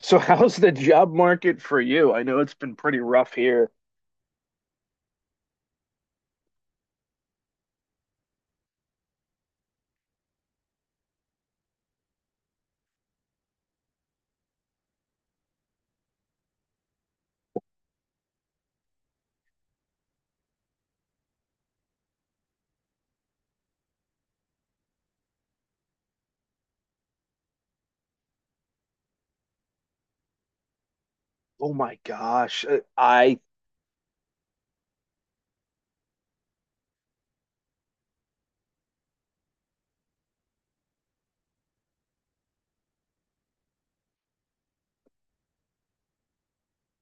So how's the job market for you? I know it's been pretty rough here. Oh my gosh. I.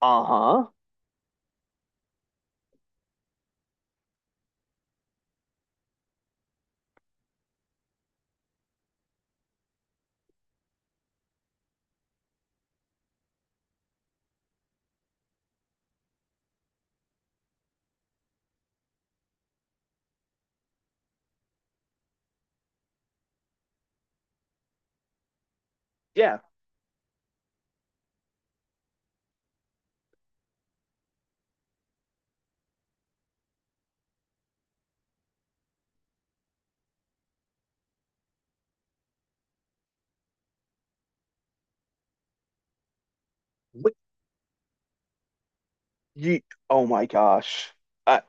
Uh-huh. Yeah. What? You? Oh my gosh. Uh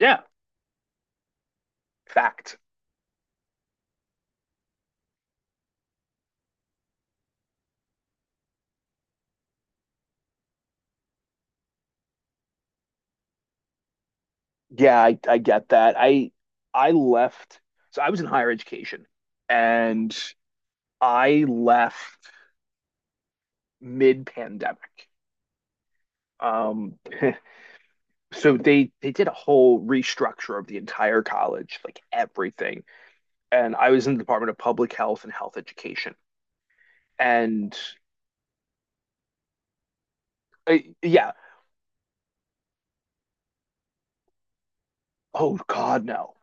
yeah, fact. Yeah, I get that. I left. So I was in higher education and I left mid-pandemic. Um so they did a whole restructure of the entire college, like everything. And I was in the Department of Public Health and Health Education. And, yeah. Oh God, no.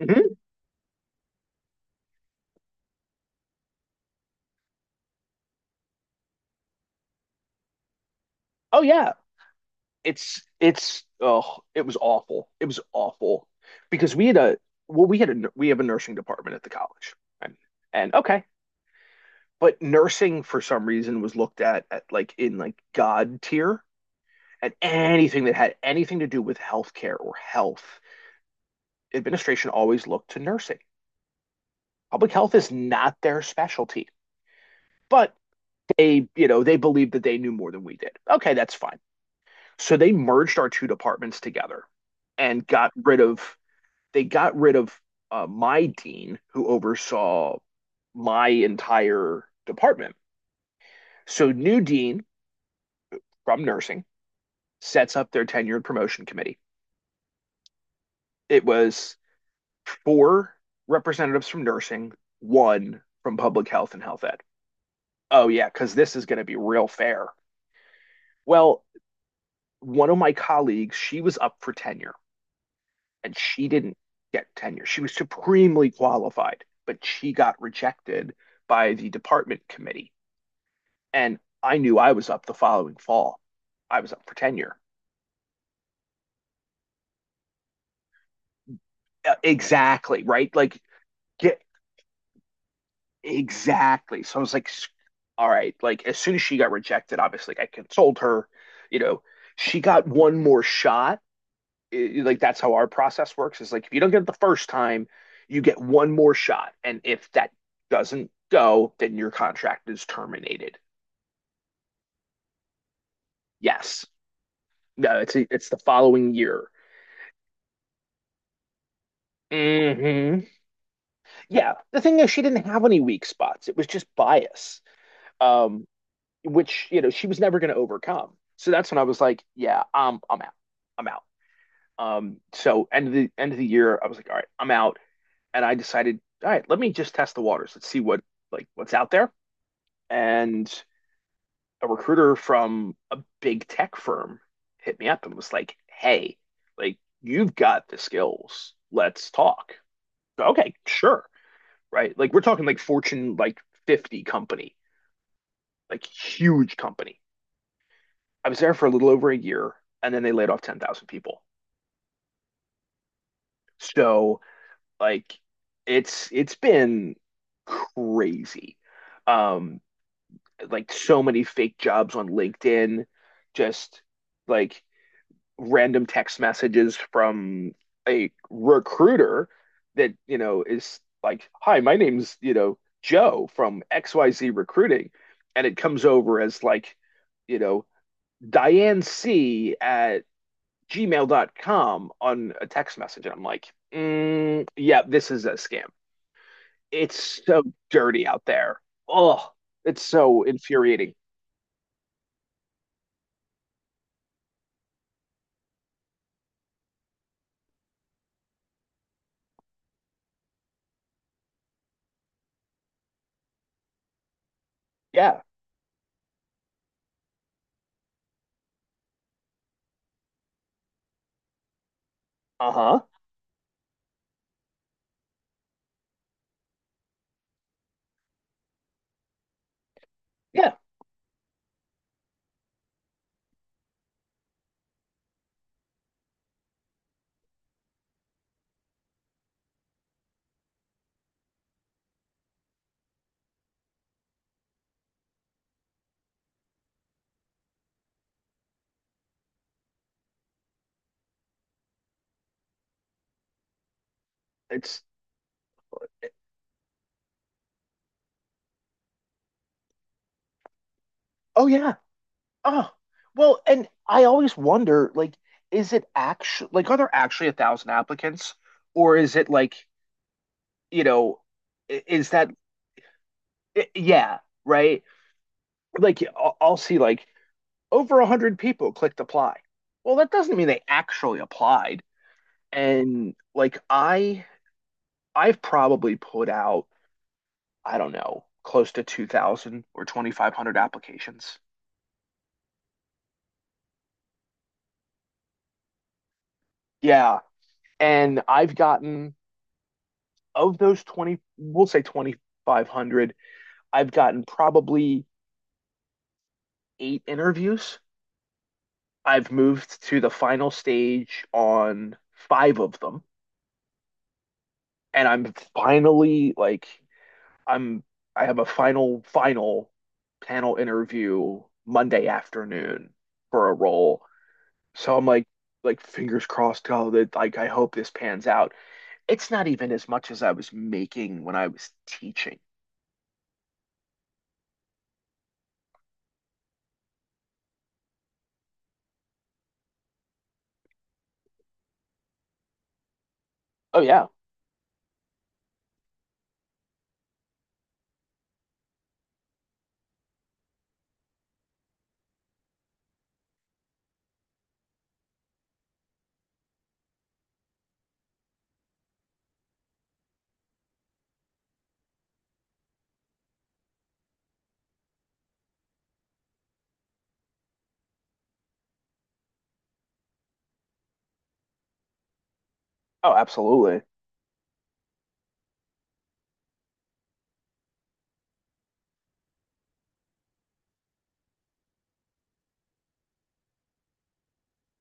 Mhm. Oh yeah, it's oh, it was awful. It was awful because we had a well, we have a nursing department at the college, and, and, okay, but nursing for some reason was looked at like in like God tier, and anything that had anything to do with healthcare or health administration always looked to nursing. Public health is not their specialty, but they you know they believed that they knew more than we did. Okay, that's fine. So they merged our two departments together and got rid of my dean who oversaw my entire department. So new dean from nursing sets up their tenure and promotion committee. It was four representatives from nursing, one from public health and health ed. Oh yeah, because this is going to be real fair. Well, one of my colleagues, she was up for tenure and she didn't get tenure. She was supremely qualified, but she got rejected by the department committee. And I knew I was up the following fall. I was up for tenure. Exactly, right? Like, get exactly. So I was like, all right, like as soon as she got rejected, obviously, like, I consoled her, you know, she got one more shot. Like, that's how our process works, is like, if you don't get it the first time you get one more shot, and if that doesn't go, then your contract is terminated. Yes. No, it's the following year. Hmm. Yeah, the thing is she didn't have any weak spots. It was just bias, um which she was never going to overcome. So that's when I was like, yeah, I'm out. I'm out. So end of the year, I was like, all right, I'm out. And I decided, all right, let me just test the waters, let's see what like what's out there. And a recruiter from a big tech firm hit me up and was like, hey, like, you've got the skills. Let's talk. Okay, sure. Right. Like, we're talking, like, Fortune, like 50 company, like huge company. I was there for a little over a year, and then they laid off 10,000 people. So, like, it's been crazy. Um, like so many fake jobs on LinkedIn, just like random text messages from a recruiter that is like, hi, my name's Joe from XYZ Recruiting. And it comes over as like, you know, DianeC@Gmail.com on a text message. And I'm like, mm, yeah, this is a scam. It's so dirty out there. Oh, it's so infuriating. Yeah. Uh-huh. Yeah. It's, oh, yeah. Oh, well, and I always wonder, like, is it actually, like, are there actually 1,000 applicants, or is it like, you know, is that yeah, right? Like, I'll see, like, over 100 people clicked apply. Well, that doesn't mean they actually applied. And like, I've probably put out, I don't know, close to 2,000 or 2,500 applications. Yeah, and I've gotten, of those 20, we'll say 2,500, I've gotten probably eight interviews. I've moved to the final stage on five of them, and I'm finally like, I'm I have a final final panel interview Monday afternoon for a role. So I'm like, fingers crossed, oh that, like, I hope this pans out. It's not even as much as I was making when I was teaching. Oh yeah. Oh, absolutely.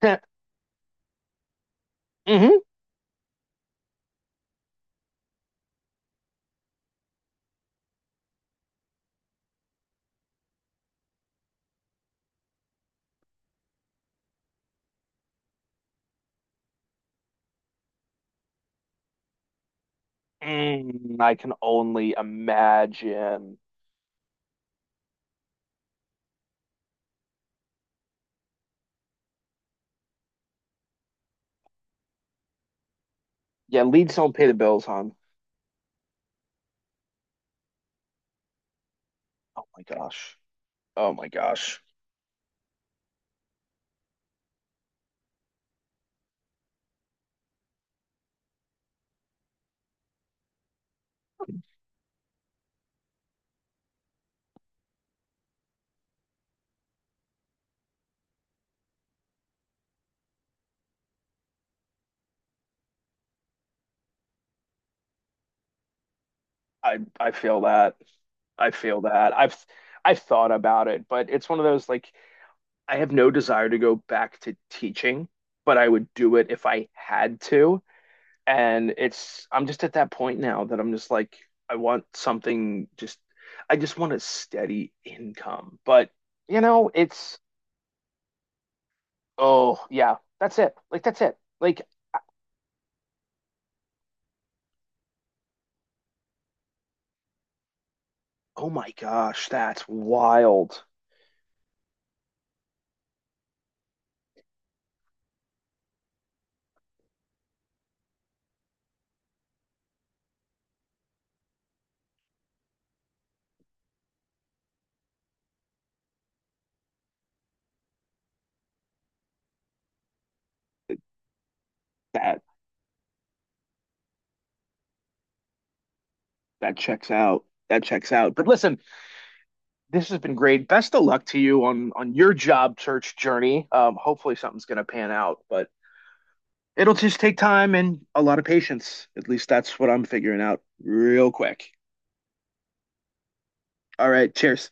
Hmm. Mm, I can only imagine. Yeah, leads don't pay the bills, hon. Oh my gosh. Oh my gosh. I feel that. I feel that. I've thought about it, but it's one of those, like, I have no desire to go back to teaching, but I would do it if I had to. And it's I'm just at that point now that I'm just like, I want something, just I just want a steady income. But you know, it's, oh yeah, that's it. Like that's it. Like, oh my gosh, that's wild. That that checks out. That checks out. But listen, this has been great. Best of luck to you on your job search journey. Hopefully something's gonna pan out, but it'll just take time and a lot of patience. At least that's what I'm figuring out real quick. All right, cheers.